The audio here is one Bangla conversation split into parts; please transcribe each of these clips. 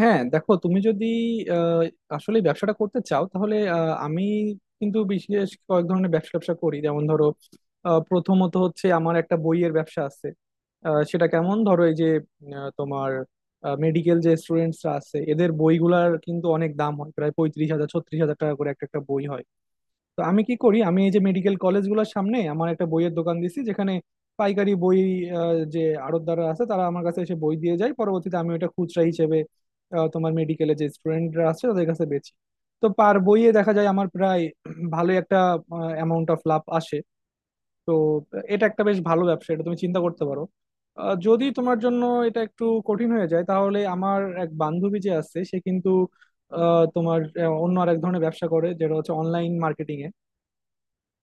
হ্যাঁ, দেখো তুমি যদি আহ, আসলে ব্যবসাটা করতে চাও তাহলে আমি কিন্তু বিশেষ কয়েক ধরনের ব্যবসা ব্যবসা করি। যেমন ধরো, প্রথমত হচ্ছে আমার একটা বইয়ের ব্যবসা আছে। সেটা কেমন? ধরো এই যে তোমার মেডিকেল যে স্টুডেন্টসরা আছে, এদের বইগুলার কিন্তু অনেক দাম হয়, প্রায় 35,000 36,000 টাকা করে একটা একটা বই হয়। তো আমি কি করি, আমি এই যে মেডিকেল কলেজগুলোর সামনে আমার একটা বইয়ের দোকান দিছি, যেখানে পাইকারি বই যে আড়তদাররা আছে তারা আমার কাছে এসে বই দিয়ে যায়, পরবর্তীতে আমি ওটা খুচরা হিসেবে তোমার মেডিকেলে যে স্টুডেন্টরা আছে তাদের কাছে বেচি। তো পার বইয়ে দেখা যায় আমার প্রায় ভালো একটা অ্যামাউন্ট অফ লাভ আসে। তো এটা একটা বেশ ভালো ব্যবসা, এটা তুমি চিন্তা করতে পারো। যদি তোমার জন্য এটা একটু কঠিন হয়ে যায়, তাহলে আমার এক বান্ধবী যে আছে, সে কিন্তু তোমার অন্য আর এক ধরনের ব্যবসা করে, যেটা হচ্ছে অনলাইন মার্কেটিং এ।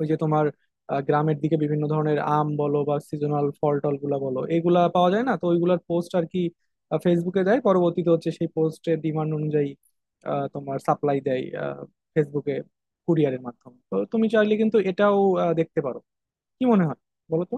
ওই যে তোমার গ্রামের দিকে বিভিন্ন ধরনের আম বলো বা সিজনাল ফল টল গুলা বলো, এগুলা পাওয়া যায় না, তো ওইগুলার পোস্ট আর কি ফেসবুকে দেয়, পরবর্তীতে হচ্ছে সেই পোস্টের ডিমান্ড অনুযায়ী তোমার সাপ্লাই দেয় ফেসবুকে কুরিয়ারের মাধ্যমে। তো তুমি চাইলে কিন্তু এটাও দেখতে পারো। কি মনে হয় বলো তো?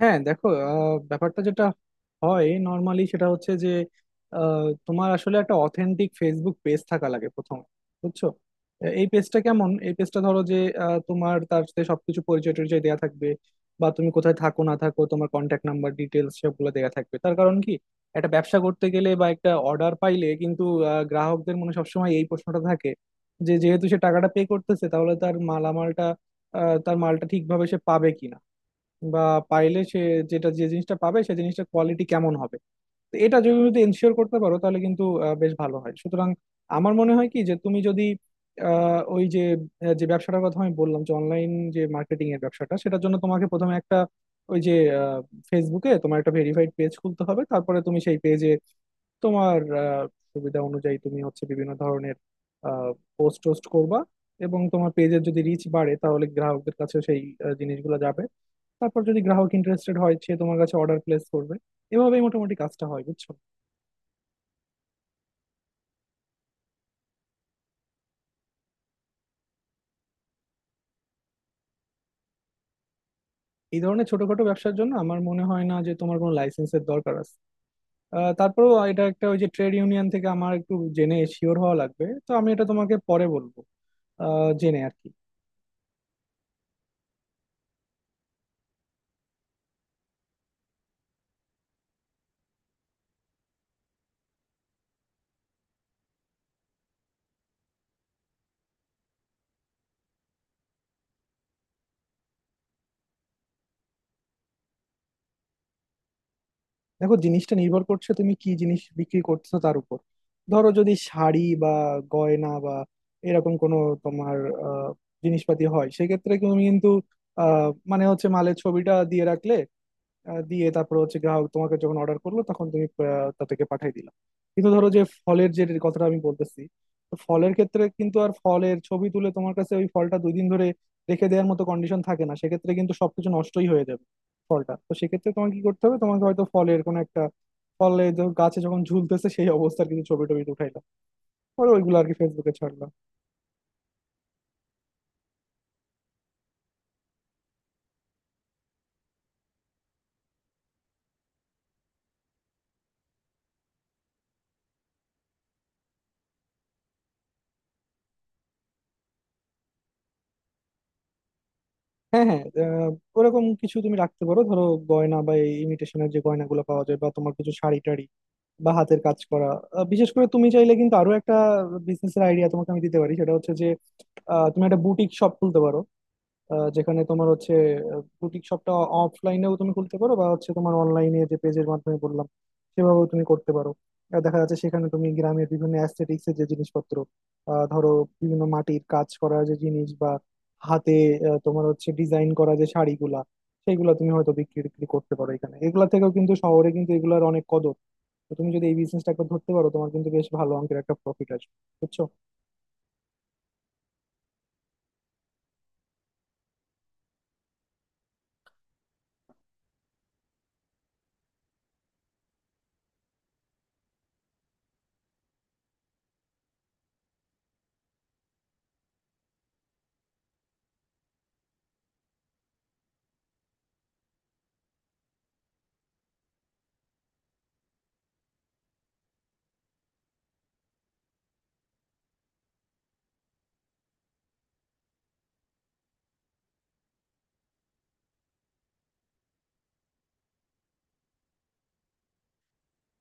হ্যাঁ, দেখো ব্যাপারটা যেটা হয় নর্মালি, সেটা হচ্ছে যে তোমার আসলে একটা অথেন্টিক ফেসবুক পেজ থাকা লাগে প্রথমে, বুঝছো। এই পেজটা কেমন? এই পেজটা ধরো যে তোমার তার সাথে সবকিছু পরিচয় টরিচয় দেওয়া থাকবে, বা তুমি কোথায় থাকো না থাকো, তোমার কন্ট্যাক্ট নাম্বার ডিটেলস সবগুলো দেওয়া থাকবে। তার কারণ কি, একটা ব্যবসা করতে গেলে বা একটা অর্ডার পাইলে কিন্তু গ্রাহকদের মনে সবসময় এই প্রশ্নটা থাকে যে যেহেতু সে টাকাটা পে করতেছে, তাহলে তার মালামালটা তার মালটা ঠিকভাবে সে পাবে কিনা, বা পাইলে সে যেটা, যে জিনিসটা পাবে সে জিনিসটা কোয়ালিটি কেমন হবে। তো এটা যদি যদি এনশিওর করতে পারো তাহলে কিন্তু বেশ ভালো হয়। সুতরাং আমার মনে হয় কি, যে তুমি যদি ওই যে যে ব্যবসাটার কথা আমি বললাম, যে অনলাইন যে মার্কেটিং এর ব্যবসাটা, সেটার জন্য তোমাকে প্রথমে একটা ওই যে ফেসবুকে তোমার একটা ভেরিফাইড পেজ খুলতে হবে। তারপরে তুমি সেই পেজে তোমার সুবিধা অনুযায়ী তুমি হচ্ছে বিভিন্ন ধরনের পোস্ট টোস্ট করবা, এবং তোমার পেজের যদি রিচ বাড়ে, তাহলে গ্রাহকদের কাছে সেই জিনিসগুলো যাবে। তারপর যদি গ্রাহক ইন্টারেস্টেড হয়, সে তোমার কাছে অর্ডার প্লেস করবে। এভাবেই মোটামুটি কাজটা হয়, বুঝছো। এই ধরনের ছোটখাটো ব্যবসার জন্য আমার মনে হয় না যে তোমার কোনো লাইসেন্সের দরকার আছে। তারপরেও এটা একটা ওই যে ট্রেড ইউনিয়ন থেকে আমার একটু জেনে শিওর হওয়া লাগবে, তো আমি এটা তোমাকে পরে বলবো জেনে আর কি। দেখো, জিনিসটা নির্ভর করছে তুমি কি জিনিস বিক্রি করছো তার উপর। ধরো যদি শাড়ি বা গয়না বা এরকম কোনো তোমার আহ, জিনিসপাতি হয়, সেক্ষেত্রে তুমি কিন্তু মানে হচ্ছে মালের ছবিটা দিয়ে রাখলে দিয়ে, তারপর হচ্ছে গ্রাহক তোমাকে যখন অর্ডার করলো তখন তুমি তাদেরকে পাঠিয়ে দিলা। কিন্তু ধরো যে ফলের যে কথাটা আমি বলতেছি, তো ফলের ক্ষেত্রে কিন্তু আর ফলের ছবি তুলে তোমার কাছে ওই ফলটা 2 দিন ধরে রেখে দেওয়ার মতো কন্ডিশন থাকে না, সেক্ষেত্রে কিন্তু সবকিছু নষ্টই হয়ে যাবে ফলটা। তো সেক্ষেত্রে তোমাকে কি করতে হবে, তোমাকে হয়তো ফলের কোনো একটা ফলে যখন গাছে যখন ঝুলতেছে, সেই অবস্থার কিছু ছবি টবি উঠাইলাম, পরে ওইগুলো আর কি ফেসবুকে ছাড়লাম। হ্যাঁ, হ্যাঁ, ওরকম কিছু তুমি রাখতে পারো। ধরো গয়না বা এই ইমিটেশনের যে গয়নাগুলো পাওয়া যায়, বা তোমার কিছু শাড়ি টাড়ি বা হাতের কাজ করা বিশেষ করে তুমি চাইলে কিন্তু আরো একটা বিজনেসের আইডিয়া তোমাকে আমি দিতে পারি। সেটা হচ্ছে যে তুমি একটা বুটিক শপ খুলতে পারো। যেখানে তোমার হচ্ছে বুটিক শপটা অফলাইনেও তুমি খুলতে পারো, বা হচ্ছে তোমার অনলাইনে যে পেজের মাধ্যমে বললাম সেভাবেও তুমি করতে পারো। আর দেখা যাচ্ছে সেখানে তুমি গ্রামের বিভিন্ন অ্যাস্থেটিক্স এর যে জিনিসপত্র, ধরো বিভিন্ন মাটির কাজ করা যে জিনিস, বা হাতে তোমার হচ্ছে ডিজাইন করা যে শাড়িগুলা, সেইগুলা তুমি হয়তো বিক্রি টিক্রি করতে পারো এখানে। এগুলা থেকেও কিন্তু শহরে কিন্তু এগুলার অনেক কদর। তো তুমি যদি এই বিজনেসটা একবার ধরতে পারো, তোমার কিন্তু বেশ ভালো অঙ্কের একটা প্রফিট আসবে, বুঝছো।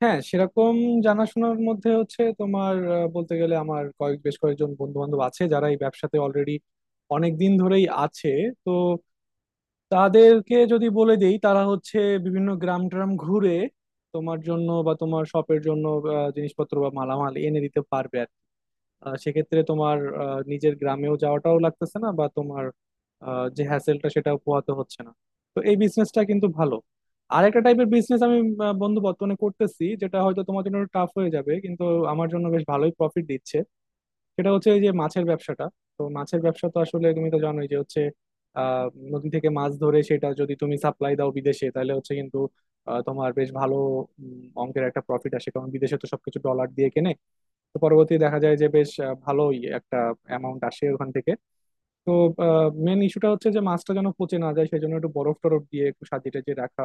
হ্যাঁ, সেরকম জানাশোনার মধ্যে হচ্ছে তোমার বলতে গেলে আমার কয়েক বেশ কয়েকজন বন্ধু বান্ধব আছে যারা এই ব্যবসাতে অলরেডি অনেক দিন ধরেই আছে। তো তাদেরকে যদি বলে দেই, তারা হচ্ছে বিভিন্ন গ্রাম ট্রাম ঘুরে তোমার জন্য বা তোমার শপের জন্য জিনিসপত্র বা মালামাল এনে দিতে পারবে আর কি। সেক্ষেত্রে তোমার নিজের গ্রামেও যাওয়াটাও লাগতেছে না, বা তোমার যে হ্যাসেলটা সেটাও পোহাতে হচ্ছে না। তো এই বিজনেসটা কিন্তু ভালো। আর একটা টাইপের বিজনেস আমি বন্ধু বর্তমানে করতেছি, যেটা হয়তো তোমার জন্য টাফ হয়ে যাবে, কিন্তু আমার জন্য বেশ ভালোই প্রফিট দিচ্ছে। সেটা হচ্ছে এই যে মাছের ব্যবসাটা। তো মাছের ব্যবসা তো আসলে তুমি তো জানোই যে হচ্ছে আহ নদী থেকে মাছ ধরে সেটা যদি তুমি সাপ্লাই দাও বিদেশে, তাহলে হচ্ছে কিন্তু তোমার বেশ ভালো অঙ্কের একটা প্রফিট আসে, কারণ বিদেশে তো সবকিছু ডলার দিয়ে কেনে। তো পরবর্তী দেখা যায় যে বেশ ভালোই একটা অ্যামাউন্ট আসে ওখান থেকে। তো মেন ইস্যুটা হচ্ছে যে মাছটা যেন পচে না যায়, সেই জন্য একটু বরফ টরফ দিয়ে একটু সাজিয়ে টাজিয়ে রাখা।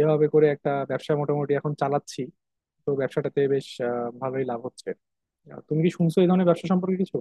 এভাবে করে একটা ব্যবসা মোটামুটি এখন চালাচ্ছি। তো ব্যবসাটাতে বেশ ভালোই লাভ হচ্ছে। তুমি কি শুনছো এই ধরনের ব্যবসা সম্পর্কে কিছু?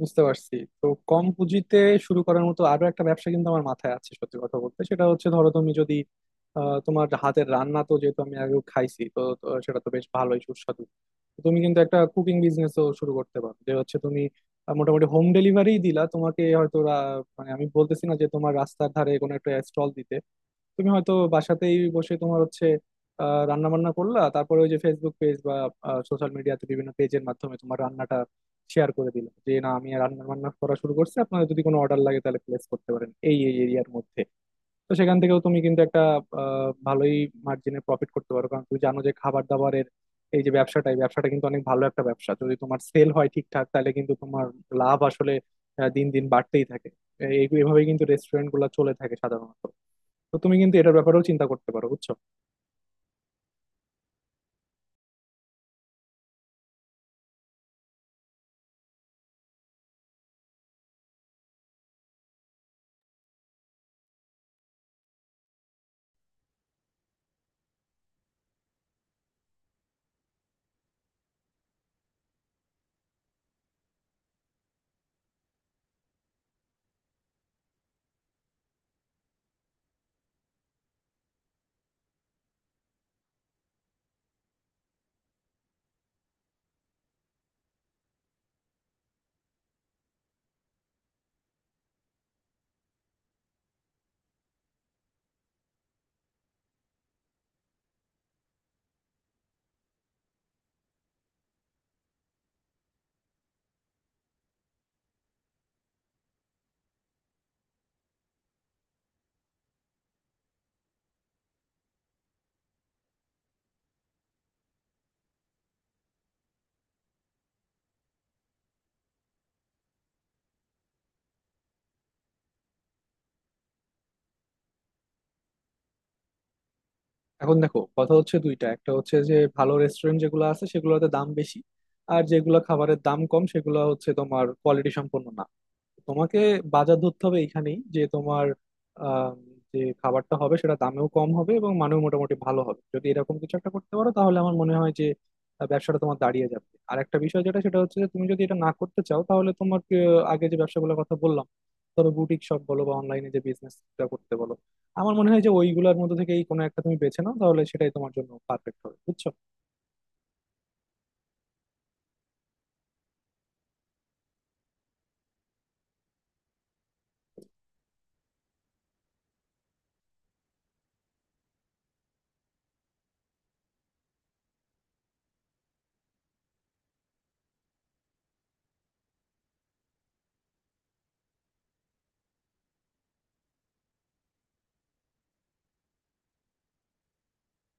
বুঝতে পারছি। তো কম পুঁজিতে শুরু করার মতো আরো একটা ব্যবসা কিন্তু আমার মাথায় আছে, সত্যি কথা বলতে। সেটা হচ্ছে, ধরো তুমি যদি তোমার হাতের রান্না তো যেহেতু আমি আগেও খাইছি, তো তো সেটা তো বেশ ভালোই সুস্বাদু। তো তুমি কিন্তু একটা কুকিং বিজনেসও শুরু করতে পারো। যে হচ্ছে তুমি মোটামুটি হোম ডেলিভারি দিলা। তোমাকে হয়তো মানে আমি বলতেছি না যে তোমার রাস্তার ধারে কোনো একটা স্টল দিতে, তুমি হয়তো বাসাতেই বসে তোমার হচ্ছে রান্না বান্না করলা, তারপরে ওই যে ফেসবুক পেজ বা সোশ্যাল মিডিয়াতে বিভিন্ন পেজের মাধ্যমে তোমার রান্নাটা শেয়ার করে দিলে যে না আমি রান্না বান্না করা শুরু করছি, আপনারা যদি কোনো অর্ডার লাগে তাহলে প্লেস করতে পারেন এই এই এরিয়ার মধ্যে। তো সেখান থেকেও তুমি কিন্তু একটা ভালোই মার্জিনে প্রফিট করতে পারো, কারণ তুমি জানো যে খাবার দাবারের এই যে ব্যবসাটা, এই ব্যবসাটা কিন্তু অনেক ভালো একটা ব্যবসা। যদি তোমার সেল হয় ঠিকঠাক তাহলে কিন্তু তোমার লাভ আসলে দিন দিন বাড়তেই থাকে। এই এইভাবেই কিন্তু রেস্টুরেন্ট গুলো চলে থাকে সাধারণত। তো তুমি কিন্তু এটার ব্যাপারেও চিন্তা করতে পারো, বুঝছো। এখন দেখো, কথা হচ্ছে দুইটা। একটা হচ্ছে যে ভালো রেস্টুরেন্ট যেগুলো আছে সেগুলোতে দাম বেশি, আর যেগুলো খাবারের দাম কম সেগুলো হচ্ছে তোমার কোয়ালিটি সম্পন্ন না। তোমাকে বাজার ধরতে হবে এইখানেই, যে তোমার আম, যে খাবারটা হবে সেটা দামেও কম হবে এবং মানেও মোটামুটি ভালো হবে। যদি এরকম কিছু একটা করতে পারো, তাহলে আমার মনে হয় যে ব্যবসাটা তোমার দাঁড়িয়ে যাবে। আর একটা বিষয় যেটা, সেটা হচ্ছে যে তুমি যদি এটা না করতে চাও, তাহলে তোমার আগে যে ব্যবসাগুলোর কথা বললাম, ধরো বুটিক শপ বলো বা অনলাইনে যে বিজনেসটা করতে বলো, আমার মনে হয় যে ওইগুলোর মধ্যে থেকেই কোনো একটা তুমি বেছে নাও, তাহলে সেটাই তোমার জন্য পারফেক্ট হবে, বুঝছো।